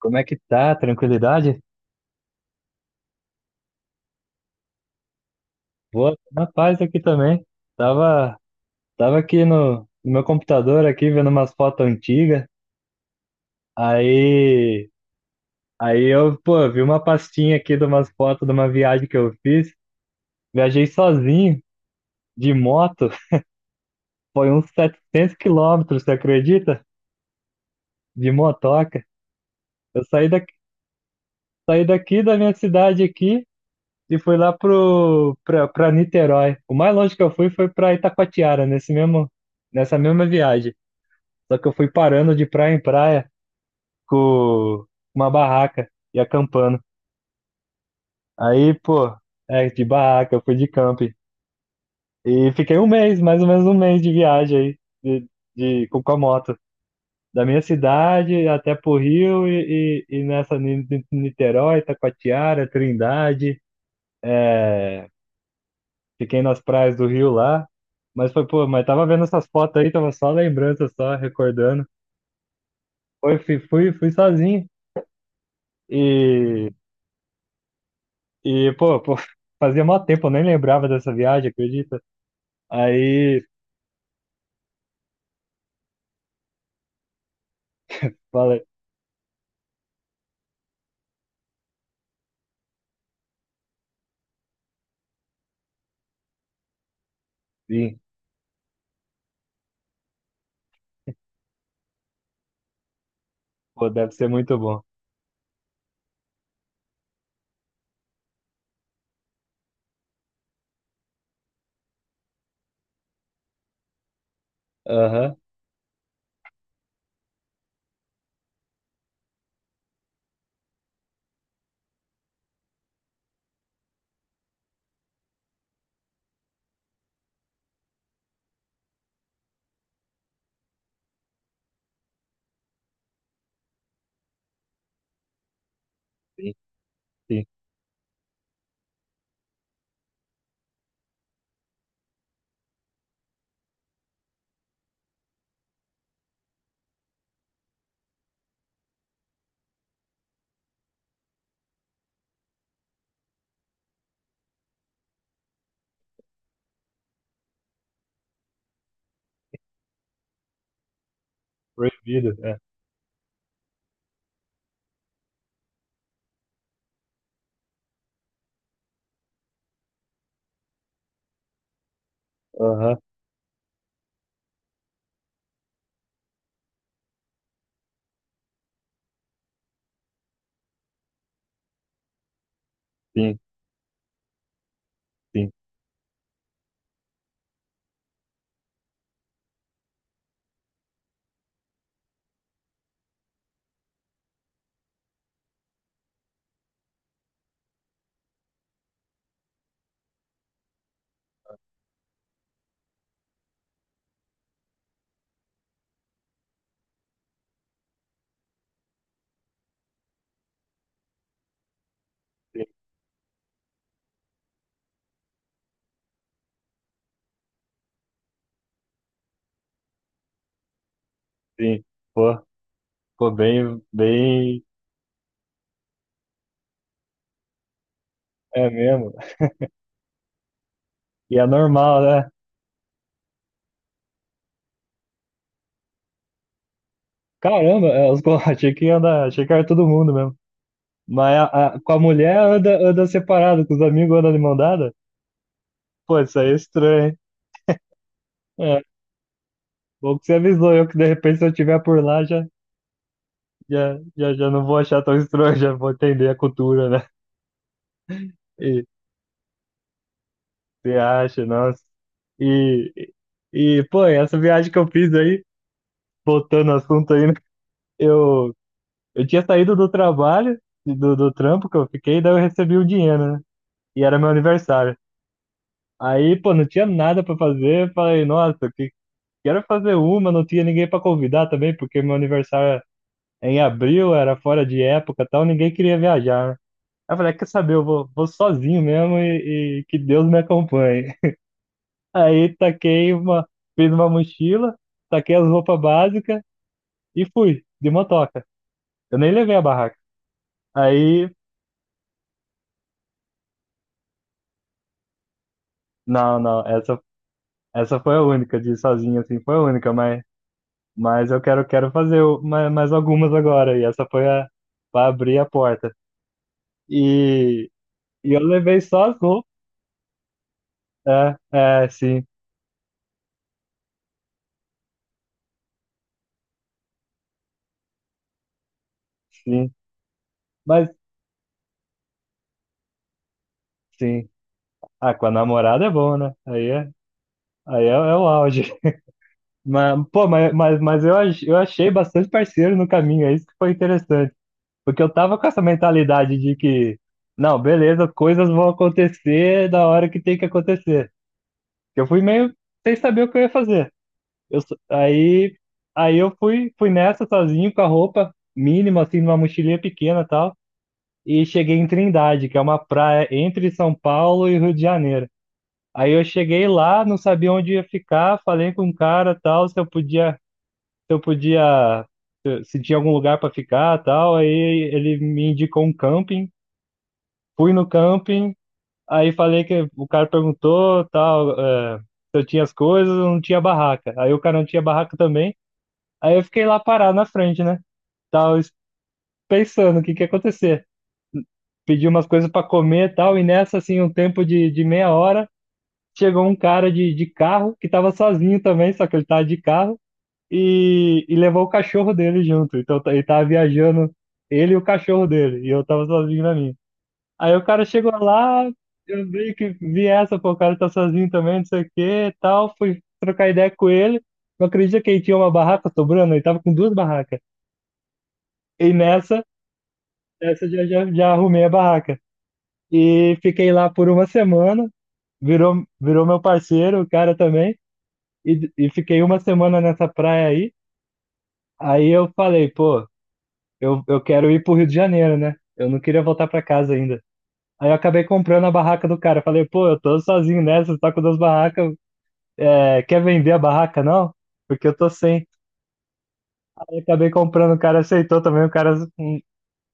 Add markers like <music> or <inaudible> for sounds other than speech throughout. Como é que tá? Tranquilidade? Boa, na paz aqui também. Tava, tava aqui no meu computador aqui vendo umas fotos antigas. Aí, aí eu, pô, vi uma pastinha aqui de umas fotos de uma viagem que eu fiz. Viajei sozinho de moto. Foi uns 700 km, você acredita? De motoca. Eu saí daqui da minha cidade aqui e fui lá pro para Niterói. O mais longe que eu fui foi pra Itacoatiara, nesse mesmo nessa mesma viagem. Só que eu fui parando de praia em praia com uma barraca e acampando. Aí, pô, de barraca, eu fui de camping. E fiquei um mês, mais ou menos um mês de viagem aí, com a moto. Da minha cidade até pro Rio e nessa Niterói, Taquatiara, Trindade. é, Fiquei nas praias do Rio lá. Mas foi, pô, mas tava vendo essas fotos aí, tava só lembrança, só recordando. Foi, fui sozinho. E E pô, fazia mó tempo, eu nem lembrava dessa viagem, acredita? Aí, fala, sim, pô, deve ser muito bom. Aham, sim, sim. Proibido, é. Aham, sim, sim, sim, sim. Pô, pô, bem, bem, é mesmo. E é normal, né? Caramba, <laughs> pô, achei que ia andar, achei que era todo mundo mesmo. Mas com a mulher anda separado, com os amigos anda de mão dada? Pô, isso aí é estranho, hein? É, bom que você avisou eu que de repente se eu estiver por lá já. Já não vou achar tão estranho, já vou entender a cultura, né? E você acha, nossa. E, e, pô, essa viagem que eu fiz aí, voltando ao assunto aí, né? eu, eu tinha saído do trabalho, do trampo que eu fiquei, daí eu recebi o dinheiro, né? E era meu aniversário. Aí, pô, não tinha nada pra fazer, falei, nossa, que quero fazer uma, não tinha ninguém pra convidar também, porque meu aniversário é em abril, era fora de época e tal, ninguém queria viajar, né? Aí eu falei, "Ah, quer saber, eu vou sozinho mesmo e que Deus me acompanhe." Aí fiz uma mochila, taquei as roupas básicas e fui, de motoca. Eu nem levei a barraca. Aí, não, não, essa foi a única, de ir sozinho assim, foi a única, mas eu quero fazer mais algumas agora. E essa foi a, pra abrir a porta. E, e eu levei só as roupas. É, é, sim, sim, mas sim. Ah, com a namorada é bom, né? Aí é. Aí é o auge. Mas, pô, mas eu achei bastante parceiro no caminho, é isso que foi interessante. Porque eu tava com essa mentalidade de que, não, beleza, coisas vão acontecer da hora que tem que acontecer. Eu fui meio sem saber o que eu ia fazer. Eu, só- aí, aí, eu fui nessa sozinho com a roupa mínima, assim, numa mochilinha pequena e tal. E cheguei em Trindade, que é uma praia entre São Paulo e Rio de Janeiro. Aí eu cheguei lá, não sabia onde ia ficar, falei com um cara tal, se eu podia, se tinha algum lugar para ficar, tal, aí ele me indicou um camping, fui no camping, aí falei que o cara perguntou, tal, se eu tinha as coisas, eu não tinha barraca. Aí o cara não tinha barraca também, aí eu fiquei lá parado na frente, né? Tal, pensando o que que ia acontecer. Pedi umas coisas para comer, tal, e nessa assim, um tempo de meia hora, chegou um cara de carro que tava sozinho também, só que ele tava de carro. E levou o cachorro dele junto. Então ele tava viajando, ele e o cachorro dele, e eu tava sozinho na minha. Aí o cara chegou lá, eu meio que vi essa, pô, o cara tá sozinho também, não sei o que, tal, fui trocar ideia com ele. Não acredito que ele tinha uma barraca sobrando, ele tava com duas barracas. E nessa, essa eu já arrumei a barraca. E fiquei lá por uma semana, virou meu parceiro, o cara também, e fiquei uma semana nessa praia aí. Aí eu falei, pô, eu quero ir pro Rio de Janeiro, né? Eu não queria voltar pra casa ainda. Aí eu acabei comprando a barraca do cara. Falei, pô, eu tô sozinho nessa, você tá com duas barracas. É, quer vender a barraca, não? Porque eu tô sem. Aí eu acabei comprando, o cara aceitou também, o cara hum,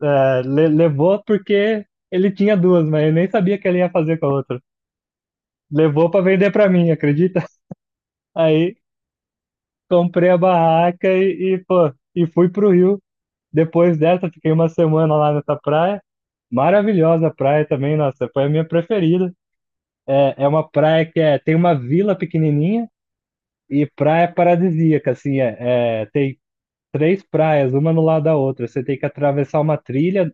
é, le- levou porque ele tinha duas, mas eu nem sabia que ele ia fazer com a outra. Levou pra vender pra mim, acredita? <laughs> Aí comprei a barraca pô, e fui pro Rio. Depois dessa, fiquei uma semana lá nessa praia. Maravilhosa a praia também, nossa, foi a minha preferida. É uma praia que tem uma vila pequenininha e praia paradisíaca, assim, tem três praias, uma no lado da outra. Você tem que atravessar uma trilha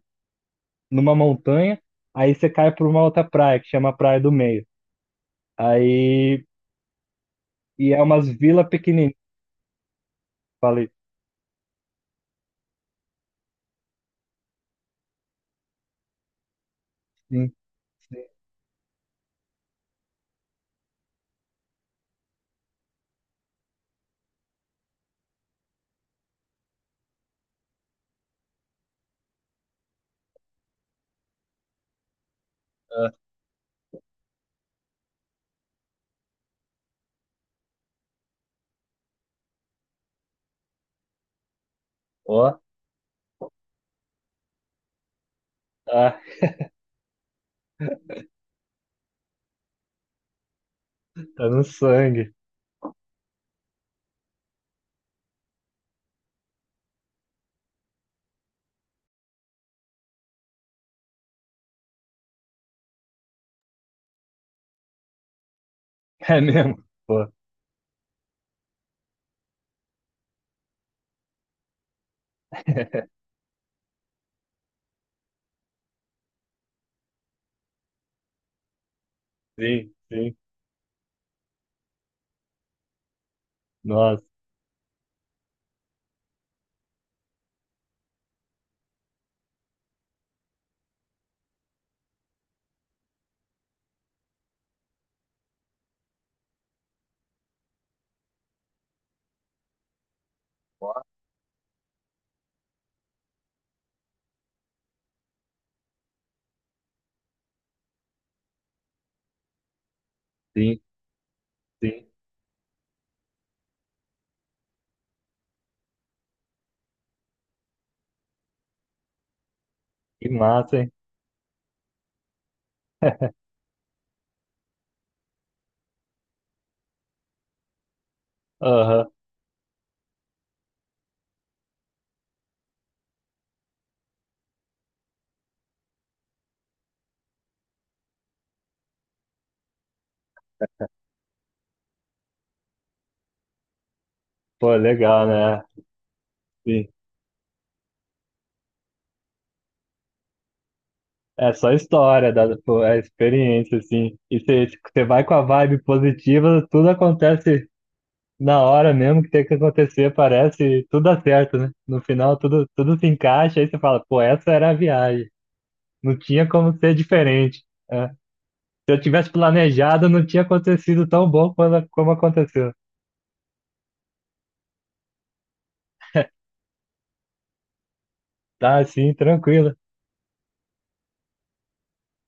numa montanha, aí você cai para uma outra praia, que chama Praia do Meio. Aí, e é umas vilas pequenininhas. Falei, sim, sim, ah, ó, ah, tá no sangue. <laughs> É mesmo, pô, <laughs> sim, sim, nossa, sim, sim, que massa, hein? Aham. Pô, legal, né? Sim. É só história, pô, é experiência, assim. E você vai com a vibe positiva, tudo acontece na hora mesmo que tem que acontecer, parece, e tudo dá certo, né? No final, tudo se encaixa, aí você fala, pô, essa era a viagem. Não tinha como ser diferente. É. Se eu tivesse planejado, não tinha acontecido tão bom quando, como aconteceu. Tá, assim, tranquilo.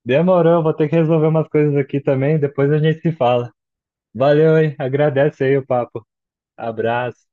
Demorou, vou ter que resolver umas coisas aqui também, depois a gente se fala. Valeu, hein? Agradece aí o papo. Abraço.